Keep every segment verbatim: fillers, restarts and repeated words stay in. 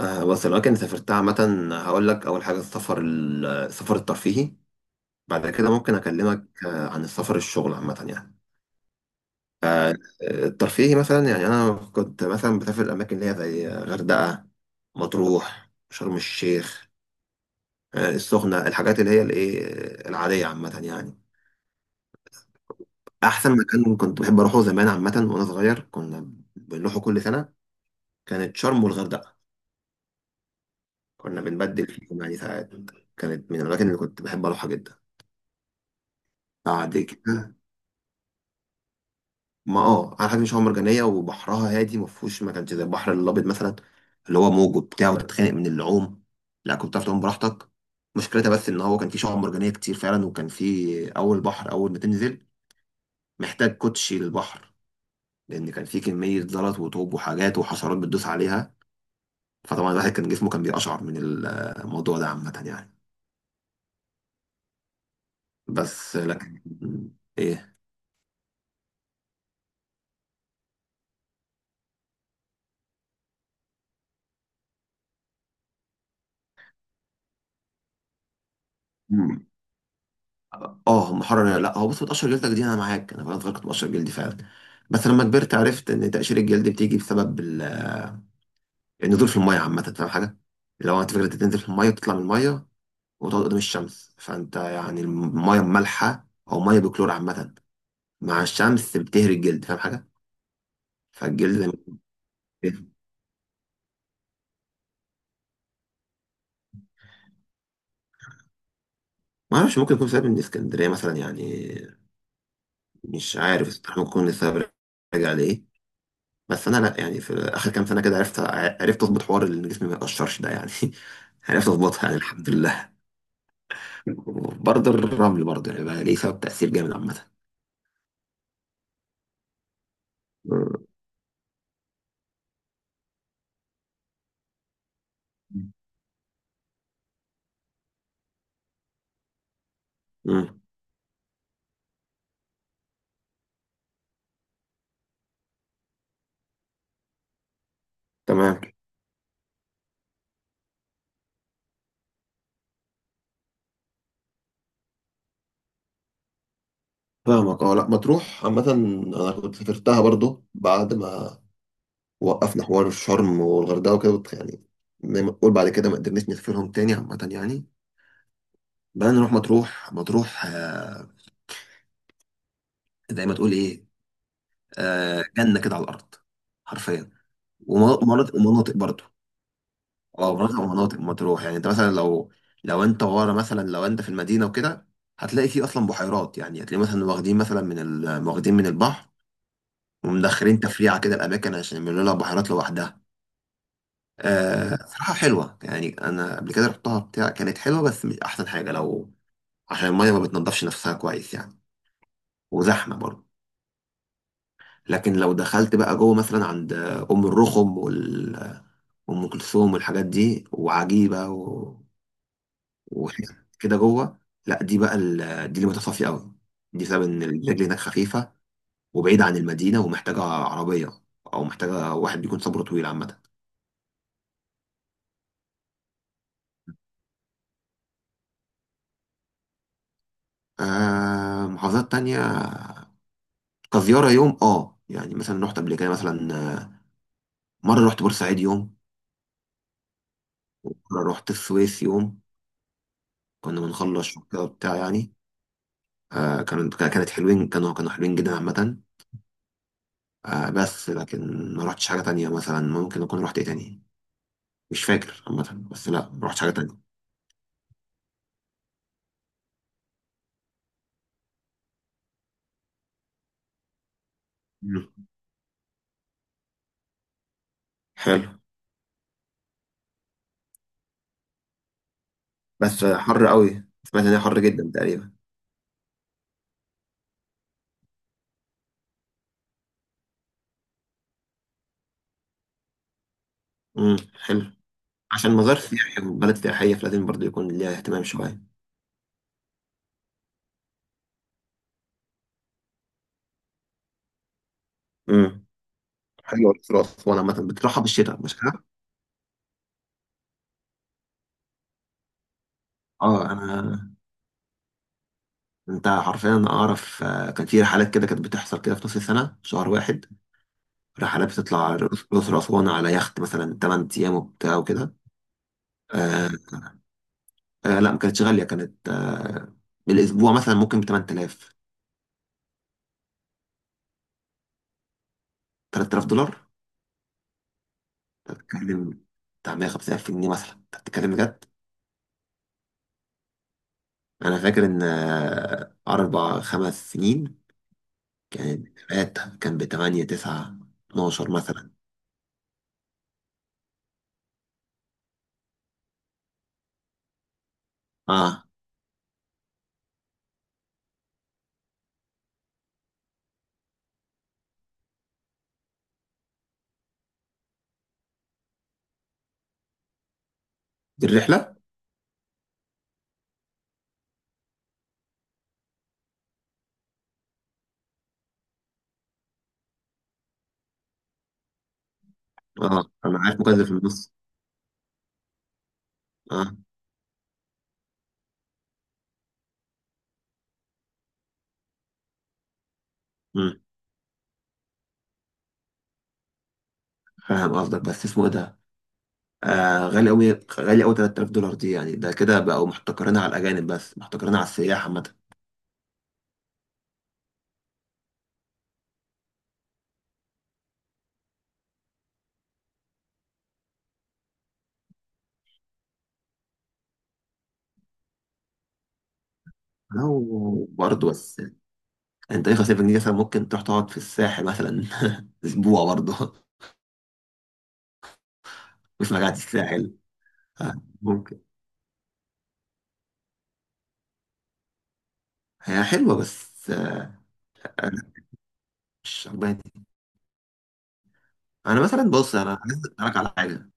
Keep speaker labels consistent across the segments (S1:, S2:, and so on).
S1: آه، بص الأماكن اللي سافرتها عامة هقول لك أول حاجة السفر ال- السفر الترفيهي. بعد كده ممكن أكلمك آه، عن السفر الشغل عامة يعني. آه، الترفيهي مثلا يعني أنا كنت مثلا بسافر الأماكن اللي هي زي غردقة، مطروح، شرم الشيخ، آه، السخنة، الحاجات اللي هي الإيه آه، العادية عامة يعني. أحسن مكان كنت بحب أروحه زمان عامة وأنا صغير كنا بنروحه كل سنة كانت شرم والغردقة. كنا بنبدل فيهم يعني ساعات، كانت من الأماكن اللي كنت بحب أروحها جدا. بعد كده ما اه على حاجه مش مرجانيه، وبحرها هادي ما فيهوش، ما كانش زي البحر الابيض مثلا اللي هو موج وبتاع وتتخانق من اللعوم. لا كنت بتعرف تعوم براحتك. مشكلتها بس ان هو كان في شعاب مرجانيه كتير فعلا، وكان في اول بحر اول ما تنزل محتاج كوتشي للبحر، لان كان في كميه زلط وطوب وحاجات وحشرات بتدوس عليها. فطبعا الواحد كان جسمه كان بيقشعر من الموضوع ده عامه يعني. بس لكن ايه. اه محرر ولا لا، هو بص بتقشر جلدك دي انا معاك، انا وانا صغير كنت بقشر جلدي فعلا. بس لما كبرت عرفت ان تقشير الجلد بتيجي بسبب ال- النزول في الميه عامه. فاهم حاجه؟ لو انت فكره تنزل في الميه وتطلع من الميه وتقعد قدام الشمس، فانت يعني الميه المالحه او ميه بكلور عامه مع الشمس بتهري الجلد. فاهم حاجه؟ فالجلد زي ما بيتهري. ما اعرفش، ممكن يكون سبب من اسكندريه مثلا يعني. مش عارف ممكن يكون السبب راجع لايه. بس انا لا، يعني في اخر كام سنه كده عرفت، عرفت اظبط حوار ان جسمي ما يتقشرش ده يعني. عرفت اظبطها يعني الحمد لله. برضه الرمل برضه يعني بقى ليه سبب تاثير جامد عامه. مم. مم. تمام. فاهمك اه. لا مطروح عامة أنا كنت سافرتها برضو بعد ما وقفنا حوار الشرم والغردقة وكده وت- يعني زي ما تقول بعد كده ما قدرناش نسافرهم تاني عامة يعني. بقى نروح مطروح، مطروح آه، زي ما تقول إيه، آه، جنة كده على الأرض، حرفيا. ومناطق ومناطق برضو. اه مناطق ومناطق مطروح يعني انت مثلا لو لو انت ورا مثلا، لو انت في المدينه وكده هتلاقي فيه اصلا بحيرات. يعني هتلاقي مثلا واخدين مثلا من ال... واخدين من البحر ومدخلين تفريعه كده الاماكن عشان يعملوا لها بحيرات لوحدها. آه صراحه حلوه، يعني انا قبل كده رحتها بتاع كانت حلوه بس مش احسن حاجه، لو عشان الميه ما بتنضفش نفسها كويس يعني، وزحمه برضه. لكن لو دخلت بقى جوه مثلا عند ام الرخم وال- وام كلثوم والحاجات دي وعجيبه، واحنا كده جوه. لا دي بقى ال... دي اللي متصافية قوي. دي بسبب ان الرجل هناك خفيفة وبعيدة عن المدينة ومحتاجة عربية، او محتاجة واحد بيكون صبره طويل عامة. آه محافظات تانية كزيارة يوم اه، يعني مثلا رحت قبل كده مثلا مرة رحت بورسعيد يوم، ومرة رحت السويس يوم. كنا بنخلص كده وبتاع يعني. آه كانت كانت حلوين، كانوا كانوا حلوين جدا عامة. آه بس لكن ما رحتش حاجة تانية، مثلا ممكن أكون رحت إيه تاني، مش فاكر عامة. بس لا ما رحتش حاجة تانية. حلو. بس حر قوي، سمعت ان هي حر جدا تقريبا. امم. حلو، عشان مزار سياحي وبلد سياحيه فلازم برضه يكون ليها اهتمام شويه. امم. حلو، الأقصر وأسوان عامة بتروحها بالشتاء مش كده؟ اه انا، انت حرفيا اعرف آه، كان في رحلات كده كانت بتحصل كده في نص السنه في شهر واحد، رحلات بتطلع الاقصر واسوان على يخت مثلا 8 ايام وبتاع وكده. آه. آه لا ما كانتش غاليه، كانت آه بالاسبوع مثلا ممكن ب ثمانية آلاف. تلات تلاف دولار أنت بتتكلم، بتاع ميه وخمسين الف جنيه مثلا أنت بتتكلم بجد. أنا فاكر إن آه، أربع خمس سنين كانت الرحلات كان بتمانية تسعة اتناشر مثلا. أه. دي الرحلة. أه أنا عارف مكلف في النص. أه. مم. فاهم قصدك بس اسمه إيه ده. آه غالي أوي، غالي أوي ثلاثة آلاف دولار دي، يعني ده كده بقوا محتكرينها على الأجانب بس، محتكرينها على السياح عامة. لو برضه بس انت ايه خمست الاف جنيه مثلا ممكن تروح تقعد في الساحل مثلا اسبوع برضه. مش مجاعة الساحل. آه، ممكن. هي حلوة بس آه، أنا مش عجباني. أنا مثلا بص، أنا عايز أسألك على حاجة،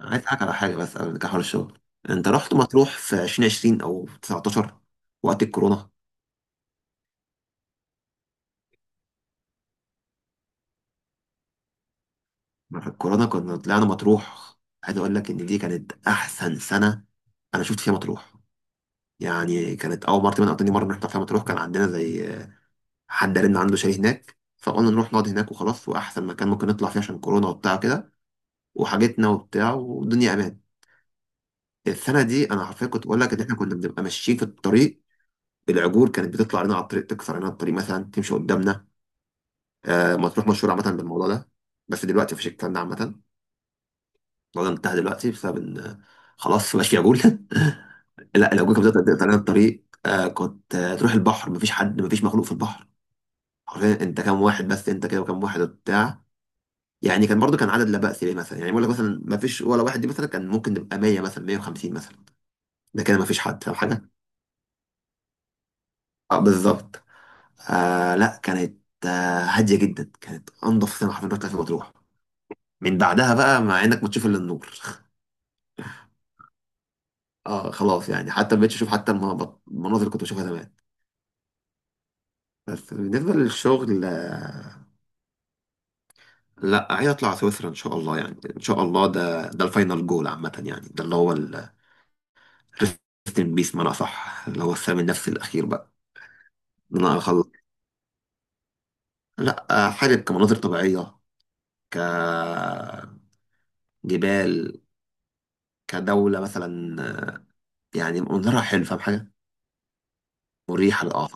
S1: أنا عايز أسألك على حاجة بس قبل كحول الشغل. أنت رحت مطروح في الفين وعشرين أو تسعة عشر وقت الكورونا؟ في الكورونا كنا طلعنا مطروح، عايز أقول لك إن دي كانت أحسن سنة أنا شفت فيها مطروح. يعني كانت أول مرة تقريباً أو تاني مرة نروح فيها مطروح. كان عندنا زي حد قال إن عنده شاليه هناك فقلنا نروح نقعد هناك وخلاص، وأحسن مكان ممكن نطلع فيه عشان كورونا وبتاع كده وحاجتنا وبتاع والدنيا أمان. السنه دي انا حرفيا كنت بقول لك ان احنا كنا بنبقى ماشيين في الطريق، العجول كانت بتطلع لنا على الطريق تكسر لنا الطريق مثلا، تمشي قدامنا. آه مطروح مشهور عامه بالموضوع ده، بس دلوقتي مفيش الكلام ده عامه. الموضوع ده انتهى دلوقتي بسبب ان آه، خلاص مبقاش في عجول. لا العجول كانت بتقطع بتقطع لنا الطريق. آه كنت آه تروح البحر مفيش حد، مفيش مخلوق في البحر، حرفيا انت كام واحد بس، انت كده وكام واحد وبتاع. يعني كان برضو كان عدد لا بأس بيه مثلا، يعني بقول لك مثلا مفيش ولا واحد دي مثلا، كان ممكن نبقى ميه مثلا، ميه وخمسين مثلا. ده كده مفيش حد فاهم حاجه؟ اه بالظبط. آه لا كانت آه هاديه جدا، كانت انضف سينما حرفيا رحت في مطروح، من بعدها بقى مع انك بتشوف الا النور. اه خلاص يعني حتى ما بقتش اشوف حتى المناظر، المناظر اللي كنت بشوفها زمان. بس بالنسبه للشغل آه، لا عايز اطلع سويسرا ان شاء الله. يعني ان شاء الله ده ده الفاينل جول عامه، يعني ده اللي هو الريست ان بيس، معنى صح اللي هو السلام النفسي الاخير بقى، ان انا اخلص. لا آه حابب كمناظر طبيعيه، كجبال، كدوله مثلا، يعني منظرها حلو فاهم حاجه، مريحة للأعصاب.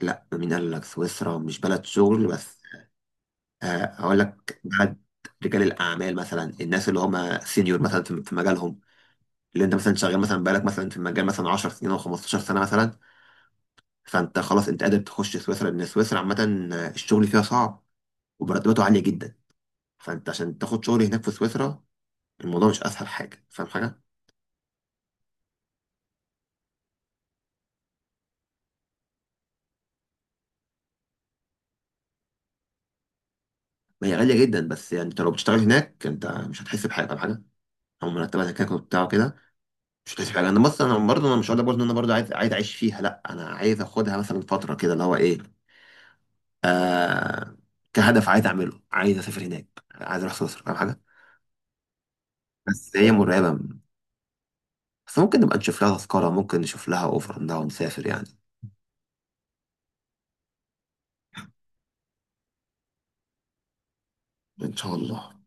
S1: لا مين قال لك سويسرا مش بلد شغل بس؟ آه، هقول لك بلد رجال الأعمال مثلا، الناس اللي هم سينيور مثلا في في مجالهم، اللي انت مثلا شغال مثلا بقالك مثلا في المجال مثلا عشر سنين او خمسة عشر سنة مثلا، فانت خلاص انت قادر تخش سويسرا. لأن سويسرا عامة آه، الشغل فيها صعب ومرتباته عالية جدا، فانت عشان تاخد شغل هناك في سويسرا الموضوع مش أسهل حاجة فاهم حاجة؟ ما هي غالية جدا، بس يعني انت لو بتشتغل هناك انت مش هتحس بحاجة فاهم حاجة؟ او مرتبات هناك وبتاع كده. مش عايز حاجه انا، بص انا برضه، انا مش هقول لك برضه ان انا برضه عايز، عايز اعيش فيها لا، انا عايز اخدها مثلا فتره كده اللي هو ايه، آه كهدف عايز اعمله، عايز اسافر هناك، عايز اروح سويسرا فاهم حاجه. بس هي مرعبه، بس ممكن نبقى نشوف لها تذكره، ممكن نشوف لها اوفر انها ونسافر يعني. ان شاء الله.